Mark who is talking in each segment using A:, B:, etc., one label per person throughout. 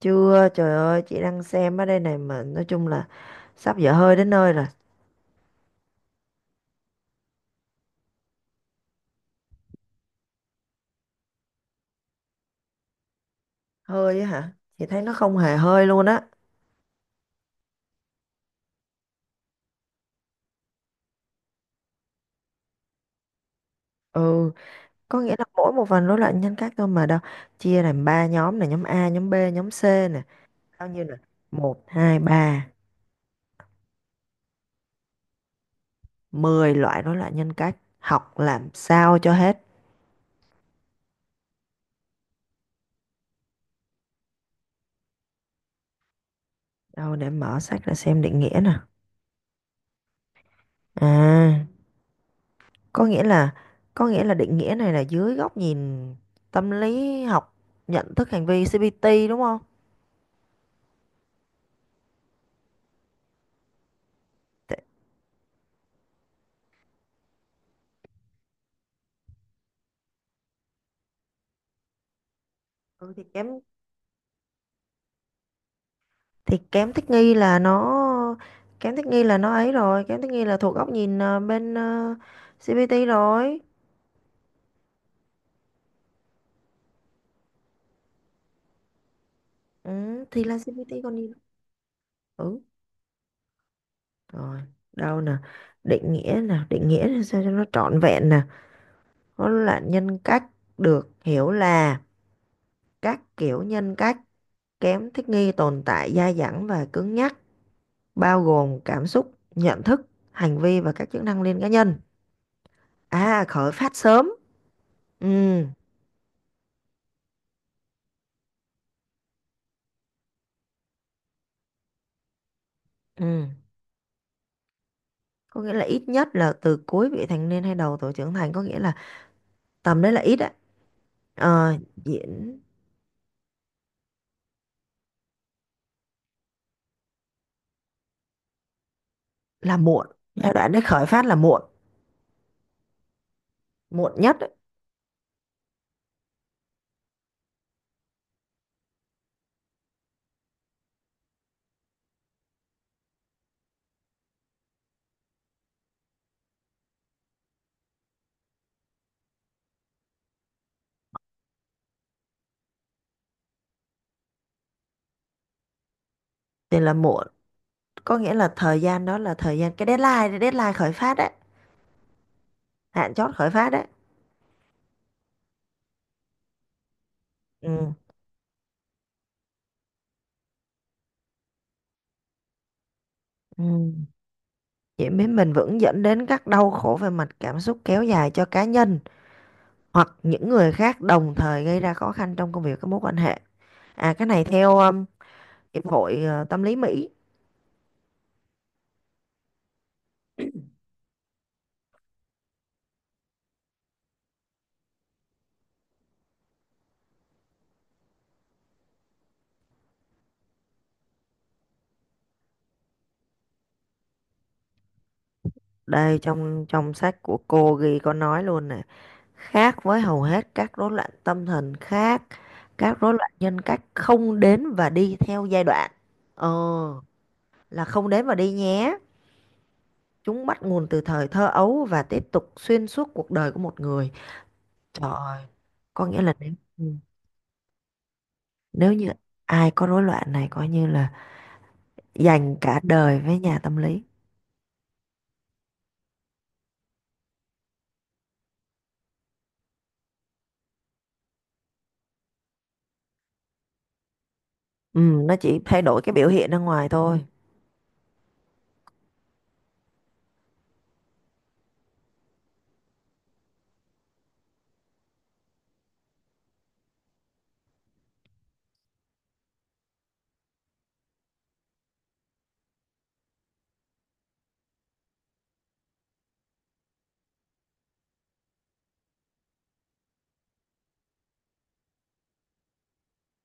A: Chưa, trời ơi, chị đang xem ở đây này mà nói chung là sắp dở hơi đến nơi rồi. Hơi á hả? Chị thấy nó không hề hơi luôn á. Ừ, có nghĩa là mỗi một phần rối loạn nhân cách thôi mà đâu. Chia làm ba nhóm này, nhóm A, nhóm B, nhóm C nè. Bao nhiêu nè? Một hai ba mười loại rối loạn nhân cách. Học làm sao cho hết. Đâu để mở sách ra xem định nghĩa nè. À, có nghĩa là có nghĩa là định nghĩa này là dưới góc nhìn tâm lý học nhận thức hành vi CBT đúng không? Ừ, thì kém thích nghi là nó, kém thích nghi là thuộc góc nhìn bên CPT rồi. Ừ, thì là CPT còn gì nữa. Ừ, rồi đâu nè, định nghĩa nè, định nghĩa là sao cho nó trọn vẹn nè. Nó là nhân cách được hiểu là các kiểu nhân cách kém thích nghi, tồn tại dai dẳng và cứng nhắc, bao gồm cảm xúc, nhận thức, hành vi và các chức năng liên cá nhân. À, khởi phát sớm. Ừ. Ừ, có nghĩa là ít nhất là từ cuối vị thành niên hay đầu tuổi trưởng thành, có nghĩa là tầm đấy là ít á. ờ, diễn là muộn, giai đoạn đấy khởi phát là muộn, muộn nhất ấy, thì là muộn. Có nghĩa là thời gian đó là thời gian cái deadline deadline khởi phát đấy, hạn chót khởi phát đấy. Ừ. Ừ. Diễn biến bền vững dẫn đến các đau khổ về mặt cảm xúc kéo dài cho cá nhân hoặc những người khác, đồng thời gây ra khó khăn trong công việc, các mối quan hệ. À, cái này theo hiệp hội tâm lý Mỹ. Đây, trong trong sách của cô ghi có nói luôn nè, khác với hầu hết các rối loạn tâm thần khác, các rối loạn nhân cách không đến và đi theo giai đoạn. Ờ, là không đến và đi nhé. Chúng bắt nguồn từ thời thơ ấu và tiếp tục xuyên suốt cuộc đời của một người. Trời ơi, có nghĩa là nếu ừ, nếu như ai có rối loạn này coi như là dành cả đời với nhà tâm lý. Ừ, nó chỉ thay đổi cái biểu hiện ra ngoài thôi.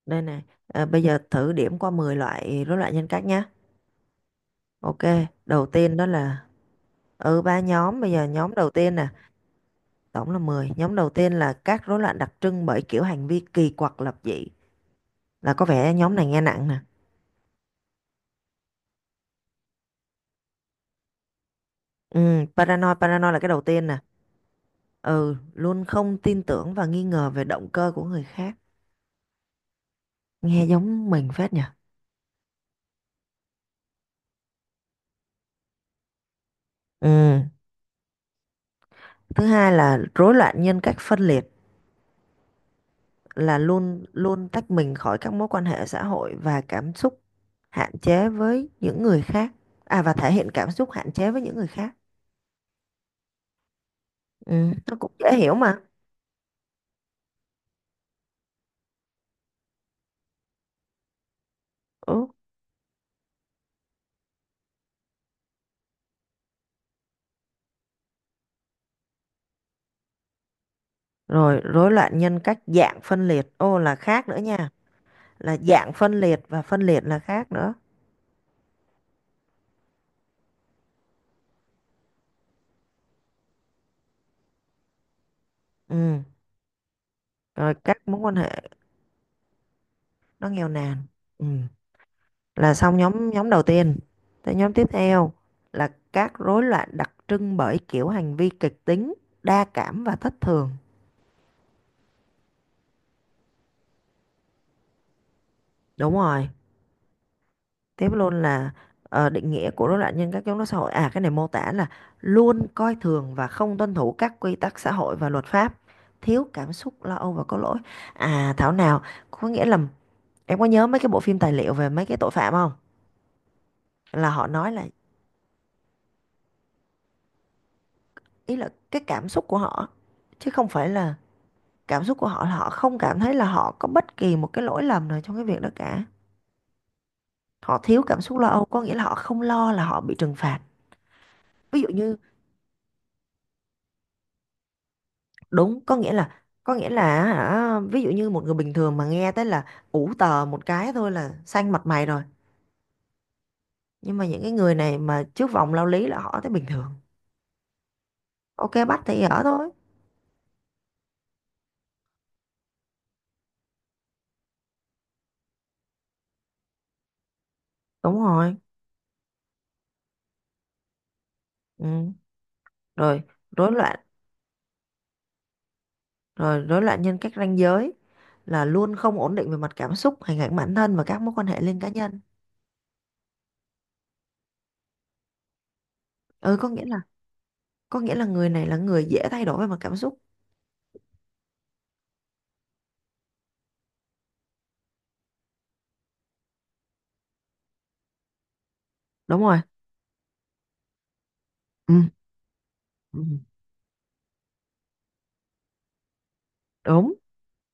A: Đây này, à, bây giờ thử điểm qua 10 loại rối loạn nhân cách nhé. Ok, đầu tiên đó là ừ ba nhóm, bây giờ nhóm đầu tiên nè, tổng là mười. Nhóm đầu tiên là các rối loạn đặc trưng bởi kiểu hành vi kỳ quặc, lập dị. Là có vẻ nhóm này nghe nặng nè. Ừ, paranoid, paranoid là cái đầu tiên nè. Ừ, luôn không tin tưởng và nghi ngờ về động cơ của người khác. Nghe giống mình phết nhỉ. Ừ, thứ hai là rối loạn nhân cách phân liệt, là luôn luôn tách mình khỏi các mối quan hệ xã hội và cảm xúc hạn chế với những người khác. À và thể hiện cảm xúc hạn chế với những người khác. Ừ, nó cũng dễ hiểu mà. Ừ. Rồi rối loạn nhân cách dạng phân liệt. Ô là khác nữa nha. Là dạng phân liệt và phân liệt là khác nữa. Ừ. Rồi các mối quan hệ nó nghèo nàn. Ừ. Là xong nhóm nhóm đầu tiên. Tới nhóm tiếp theo là các rối loạn đặc trưng bởi kiểu hành vi kịch tính, đa cảm và thất thường. Đúng rồi. Tiếp luôn là định nghĩa của rối loạn nhân cách chống đối xã hội, à cái này mô tả là luôn coi thường và không tuân thủ các quy tắc xã hội và luật pháp, thiếu cảm xúc lo âu và có lỗi. À thảo nào. Có nghĩa là em có nhớ mấy cái bộ phim tài liệu về mấy cái tội phạm không, là họ nói là, ý là cái cảm xúc của họ chứ không phải là, cảm xúc của họ là họ không cảm thấy là họ có bất kỳ một cái lỗi lầm nào trong cái việc đó cả. Họ thiếu cảm xúc lo âu có nghĩa là họ không lo là họ bị trừng phạt. Ví dụ như, đúng, có nghĩa là hả, ví dụ như một người bình thường mà nghe tới là ủ tờ một cái thôi là xanh mặt mày rồi, nhưng mà những cái người này mà trước vòng lao lý là họ thấy bình thường. Ok bắt thì ở thôi. Đúng rồi. Ừ. rồi rối loạn Rồi rối loạn nhân cách ranh giới là luôn không ổn định về mặt cảm xúc, hình ảnh bản thân và các mối quan hệ liên cá nhân. Ừ, có nghĩa là người này là người dễ thay đổi về mặt cảm xúc. Đúng rồi. Ừ. Ừ, đúng,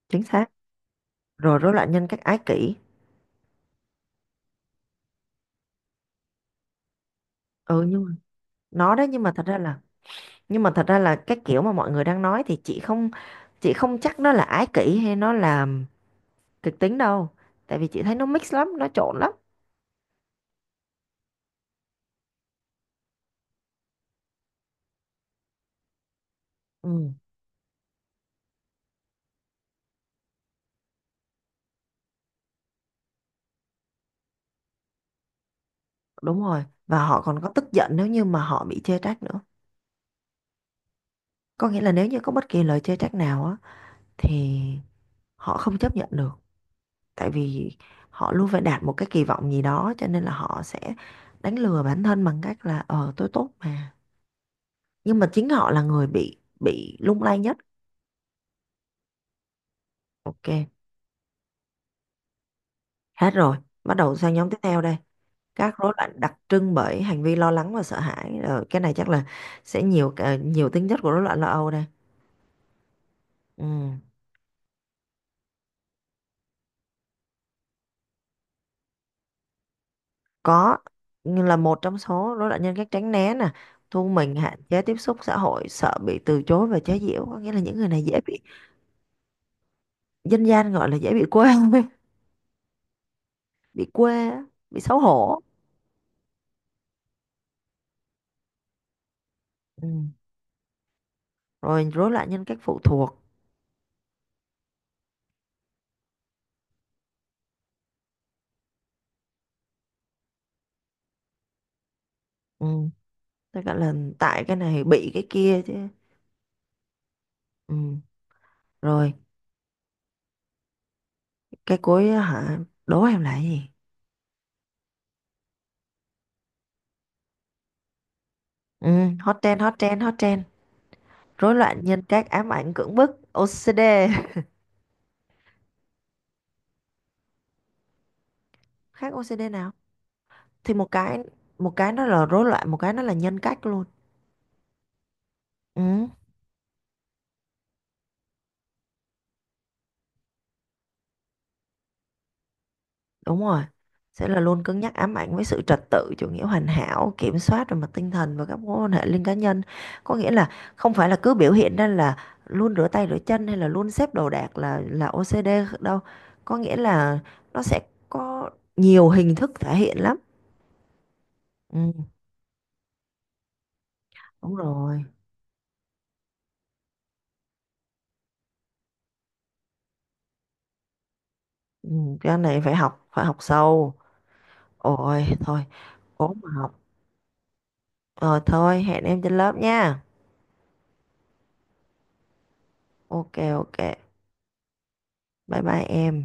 A: chính xác. Rồi rối loạn nhân cách ái kỷ. Ừ, nhưng mà nó đấy, nhưng mà thật ra là, nhưng mà thật ra là cái kiểu mà mọi người đang nói thì chị không, chị không chắc nó là ái kỷ hay nó là kịch tính đâu, tại vì chị thấy nó mix lắm, nó trộn lắm. Ừ, đúng rồi, và họ còn có tức giận nếu như mà họ bị chê trách nữa. Có nghĩa là nếu như có bất kỳ lời chê trách nào á thì họ không chấp nhận được, tại vì họ luôn phải đạt một cái kỳ vọng gì đó cho nên là họ sẽ đánh lừa bản thân bằng cách là ờ tôi tốt mà, nhưng mà chính họ là người bị lung lay nhất. Ok, hết rồi. Bắt đầu sang nhóm tiếp theo đây, các rối loạn đặc trưng bởi hành vi lo lắng và sợ hãi. Ờ, cái này chắc là sẽ nhiều nhiều tính chất của rối loạn lo âu đây. Ừ. Có, như là một trong số rối loạn nhân cách tránh né nè, thu mình, hạn chế tiếp xúc xã hội, sợ bị từ chối và chế giễu. Có nghĩa là những người này dễ bị, dân gian gọi là dễ bị quê bị quê á, bị xấu hổ. Ừ. Rồi rối loạn nhân cách phụ thuộc. Ừ. Tức là tại cái này bị cái kia chứ. Ừ. Rồi cái cuối á hả, đố em là cái gì. Ừ, hot trend, hot trend, hot trend. Rối loạn nhân cách ám ảnh cưỡng bức, OCD. Khác OCD nào? Thì một cái, một cái nó là rối loạn, một cái nó là nhân cách luôn. Ừ, đúng rồi. Sẽ là luôn cứng nhắc, ám ảnh với sự trật tự, chủ nghĩa hoàn hảo, kiểm soát về mặt tinh thần và các mối quan hệ liên cá nhân. Có nghĩa là không phải là cứ biểu hiện ra là luôn rửa tay rửa chân hay là luôn xếp đồ đạc là OCD đâu. Có nghĩa là nó sẽ có nhiều hình thức thể hiện lắm. Ừ, đúng rồi. Ừ, cái này phải học, phải học sâu. Ôi thôi, cố mà học. Rồi thôi, hẹn em trên lớp nha. Ok, ok, bye bye em.